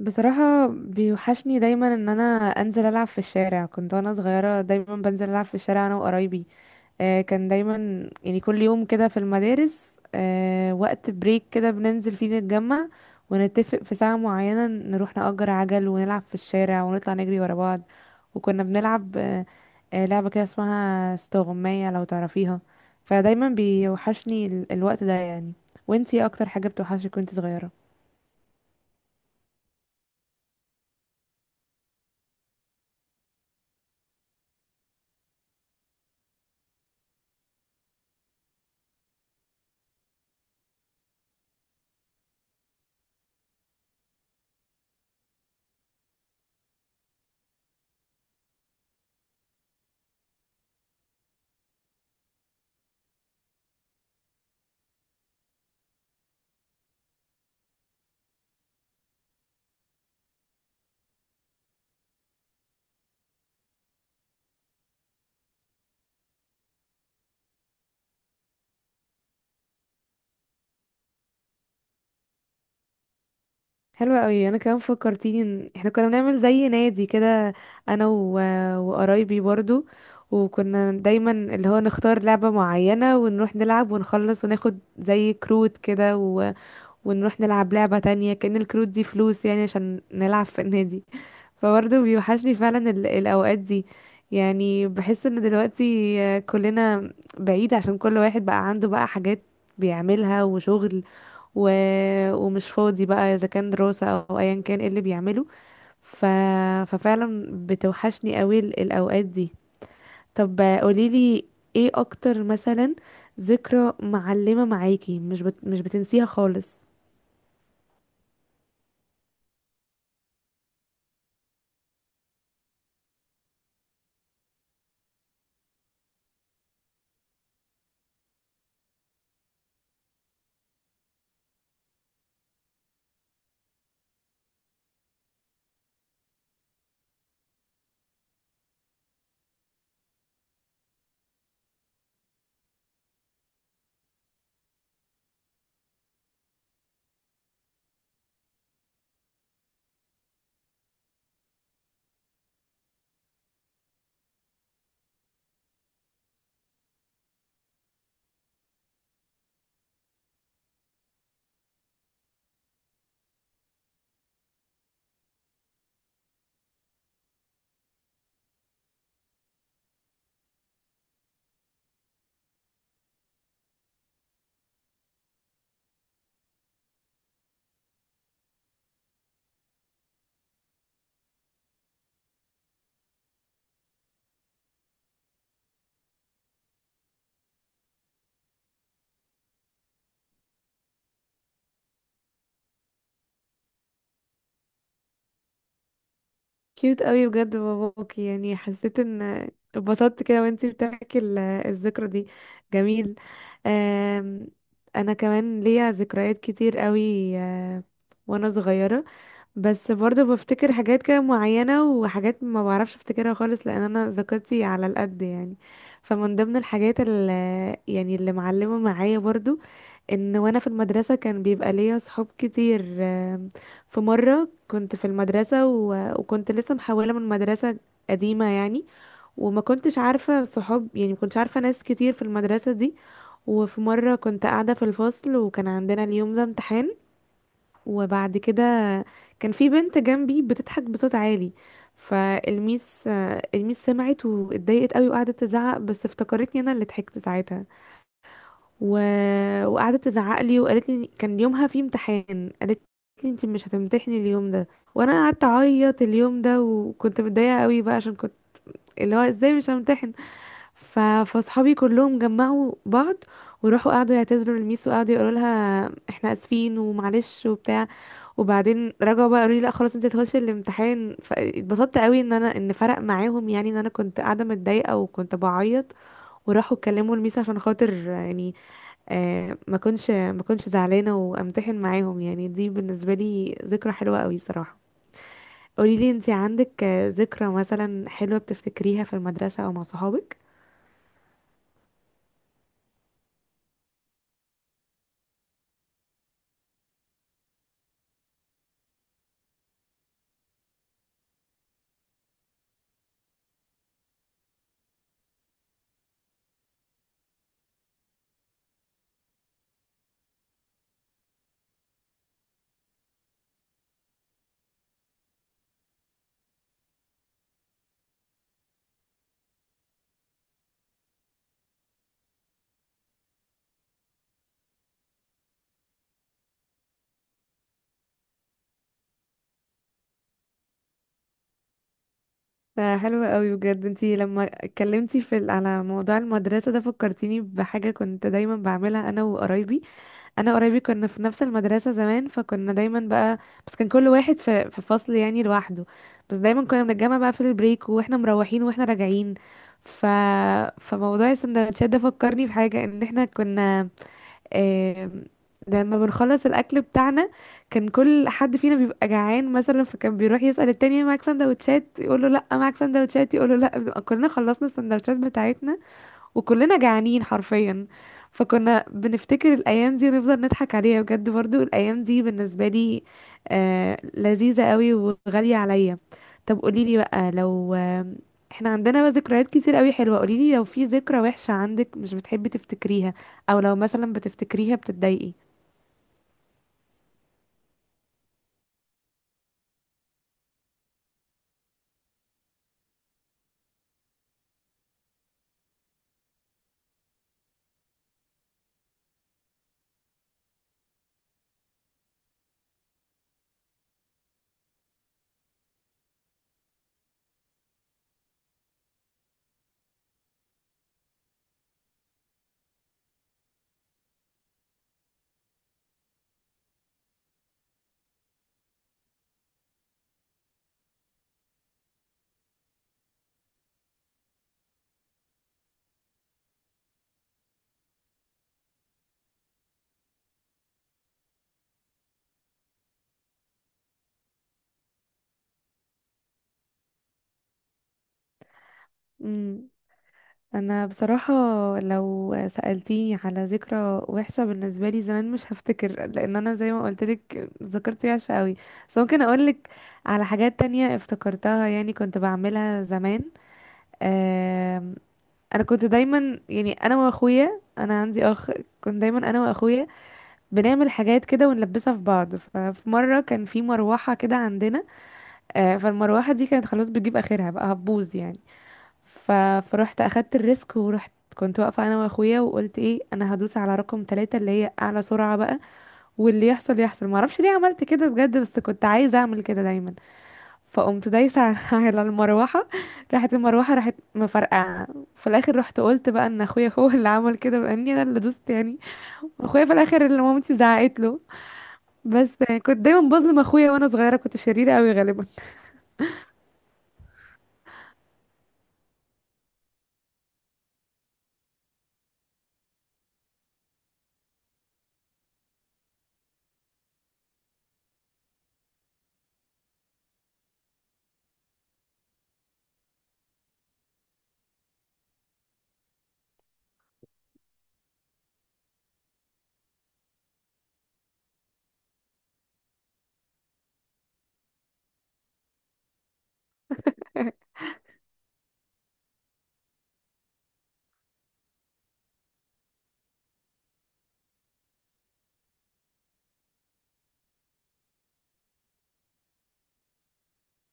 بصراحة بيوحشني دايما ان انا انزل العب في الشارع. كنت وانا صغيرة دايما بنزل العب في الشارع انا وقرايبي. كان دايما يعني كل يوم كده في المدارس وقت بريك كده بننزل فيه نتجمع ونتفق في ساعة معينة نروح نأجر عجل ونلعب في الشارع ونطلع نجري ورا بعض. وكنا بنلعب لعبة كده اسمها استغماية لو تعرفيها. فدايما بيوحشني الوقت ده يعني. وانتي إيه اكتر حاجة بتوحشك وانتي صغيرة؟ حلوة قوي. انا كمان فكرتيني ان احنا كنا بنعمل زي نادي كده انا وقرايبي برضو. وكنا دايما اللي هو نختار لعبة معينة ونروح نلعب ونخلص وناخد زي كروت كده ونروح نلعب لعبة تانية كأن الكروت دي فلوس يعني عشان نلعب في النادي. فبرضو بيوحشني فعلا الأوقات دي. يعني بحس ان دلوقتي كلنا بعيد عشان كل واحد بقى عنده بقى حاجات بيعملها وشغل و... ومش فاضي بقى اذا كان دراسة او ايا كان ايه اللي بيعمله. ف... ففعلا بتوحشني قوي الاوقات دي. طب قوليلي ايه اكتر مثلا ذكرى معلمة معاكي مش بتنسيها خالص؟ كيوت قوي بجد باباكي، يعني حسيت ان اتبسطت كده وانتي بتحكي الذكرى دي. جميل. آم، انا كمان ليا ذكريات كتير قوي وانا صغيرة. بس برضه بفتكر حاجات كده معينة وحاجات ما بعرفش افتكرها خالص لان انا ذاكرتي على القد يعني. فمن ضمن الحاجات اللي يعني اللي معلمة معايا برضه ان وانا في المدرسة كان بيبقى ليا صحاب كتير. في مرة كنت في المدرسة وكنت لسه محولة من مدرسة قديمة يعني، وما كنتش عارفة صحاب، يعني ما كنتش عارفة ناس كتير في المدرسة دي. وفي مرة كنت قاعدة في الفصل وكان عندنا اليوم ده امتحان. وبعد كده كان في بنت جنبي بتضحك بصوت عالي، فالميس الميس سمعت واتضايقت قوي وقعدت تزعق، بس افتكرتني انا اللي ضحكت ساعتها. و... وقعدت تزعق لي وقالت لي، كان يومها في امتحان، قالت لي انت مش هتمتحني اليوم ده. وانا قعدت اعيط اليوم ده وكنت متضايقه قوي بقى عشان كنت اللي هو ازاي مش همتحن. فاصحابي كلهم جمعوا بعض وراحوا قعدوا يعتذروا للميس وقعدوا يقولوا لها احنا اسفين ومعلش وبتاع. وبعدين رجعوا بقى قالوا لي لا خلاص انت هتخشي الامتحان. فاتبسطت قوي ان انا فرق معاهم، يعني ان انا كنت قاعده متضايقه وكنت بعيط وراحوا اتكلموا الميس عشان خاطر يعني. ما كنتش زعلانه وامتحن معاهم. يعني دي بالنسبه لي ذكرى حلوه قوي بصراحه. قولي لي انت عندك ذكرى مثلا حلوه بتفتكريها في المدرسه او مع صحابك؟ ده حلو قوي بجد. انتي لما اتكلمتي على موضوع المدرسة ده فكرتيني بحاجة كنت دايما بعملها انا وقرايبي انا وقرايبي كنا في نفس المدرسة زمان، فكنا دايما بقى، بس كان كل واحد في فصل يعني لوحده. بس دايما كنا بنتجمع بقى في البريك واحنا مروحين واحنا راجعين. ف فموضوع السندوتشات ده فكرني بحاجة ان احنا كنا، آم، لما بنخلص الاكل بتاعنا كان كل حد فينا بيبقى جعان مثلا، فكان بيروح يسأل التاني معاك سندوتشات يقول له لا، معاك سندوتشات يقول له لا، بنبقى كلنا خلصنا السندوتشات بتاعتنا وكلنا جعانين حرفيا. فكنا بنفتكر الايام دي ونفضل نضحك عليها بجد. برضو الايام دي بالنسبه لي لذيذه قوي وغاليه عليا. طب قوليلي بقى، لو احنا عندنا بقى ذكريات كتير قوي حلوه، قوليلي لو في ذكرى وحشه عندك مش بتحبي تفتكريها، او لو مثلا بتفتكريها بتتضايقي؟ انا بصراحة لو سألتيني على ذكرى وحشة بالنسبة لي زمان مش هفتكر، لان انا زي ما قلت لك ذاكرتي وحشة قوي. بس ممكن اقول لك على حاجات تانية افتكرتها يعني كنت بعملها زمان. آم، انا كنت دايما يعني انا واخويا، انا عندي اخ، كنت دايما انا واخويا بنعمل حاجات كده ونلبسها في بعض. ففي مرة كان في مروحة كده عندنا، فالمروحة دي كانت خلاص بتجيب اخرها بقى هتبوظ يعني. ف... فروحت اخدت الريسك ورحت كنت واقفه انا واخويا وقلت ايه، انا هدوس على رقم 3 اللي هي اعلى سرعه بقى، واللي يحصل يحصل. ما اعرفش ليه عملت كده بجد بس كنت عايزه اعمل كده دايما. فقمت دايسه على المروحه، راحت المروحه راحت مفرقعه. في الاخر رحت قلت بقى ان اخويا هو اللي عمل كده لاني انا اللي دوست يعني. اخويا في الاخر اللي مامتي زعقت له. بس كنت دايما بظلم اخويا وانا صغيره، كنت شريره قوي غالبا.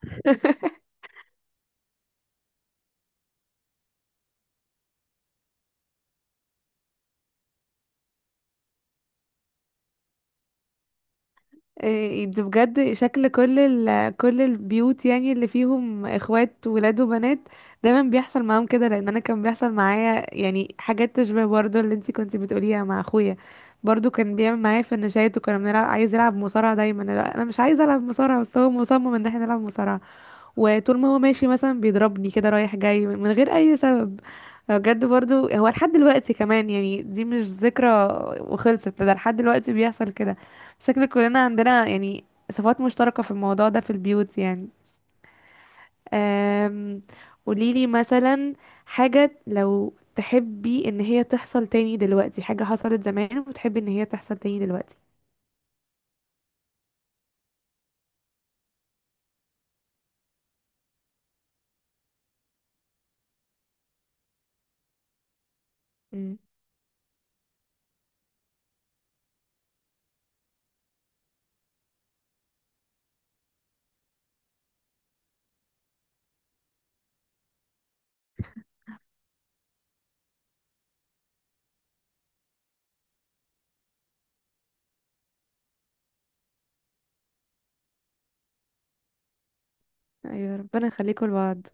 إيه ده بجد، شكل كل كل البيوت يعني اللي فيهم اخوات ولاد وبنات دايما بيحصل معاهم كده، لان انا كان بيحصل معايا يعني حاجات تشبه برضو اللي انتي كنتي بتقوليها مع اخويا. برضو كان بيعمل معايا في النشايات وكنا بنلعب، عايز يلعب مصارعة دايما. لا، انا مش عايزه العب مصارعة بس هو مصمم ان احنا نلعب مصارعة. وطول ما هو ماشي مثلا بيضربني كده رايح جاي من غير اي سبب. بجد برضو هو لحد دلوقتي كمان، يعني دي مش ذكرى وخلصت، ده لحد دلوقتي بيحصل كده. شكل كلنا عندنا يعني صفات مشتركة في الموضوع ده في البيوت يعني. أم... قوليلي مثلا حاجة لو تحبي ان هي تحصل تاني دلوقتي، حاجة حصلت زمان وتحبي ان هي تحصل تاني دلوقتي؟ مم. ايوه، ربنا يخليكم لبعض.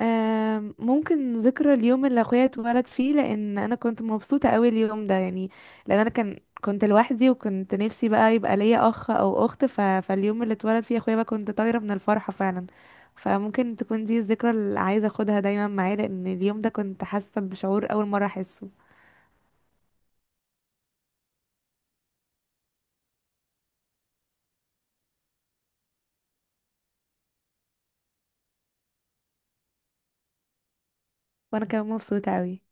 ممكن ذكرى اليوم اللي اخويا اتولد فيه، لان انا كنت مبسوطه قوي اليوم ده يعني، لان انا كنت لوحدي وكنت نفسي بقى يبقى ليا اخ او اخت. فاليوم اللي اتولد فيه اخويا بقى كنت طايره من الفرحه فعلا. فممكن تكون دي الذكرى اللي عايزه اخدها دايما معايا لان اليوم ده كنت حاسه بشعور اول مره احسه. وانا كمان مبسوطه قوي.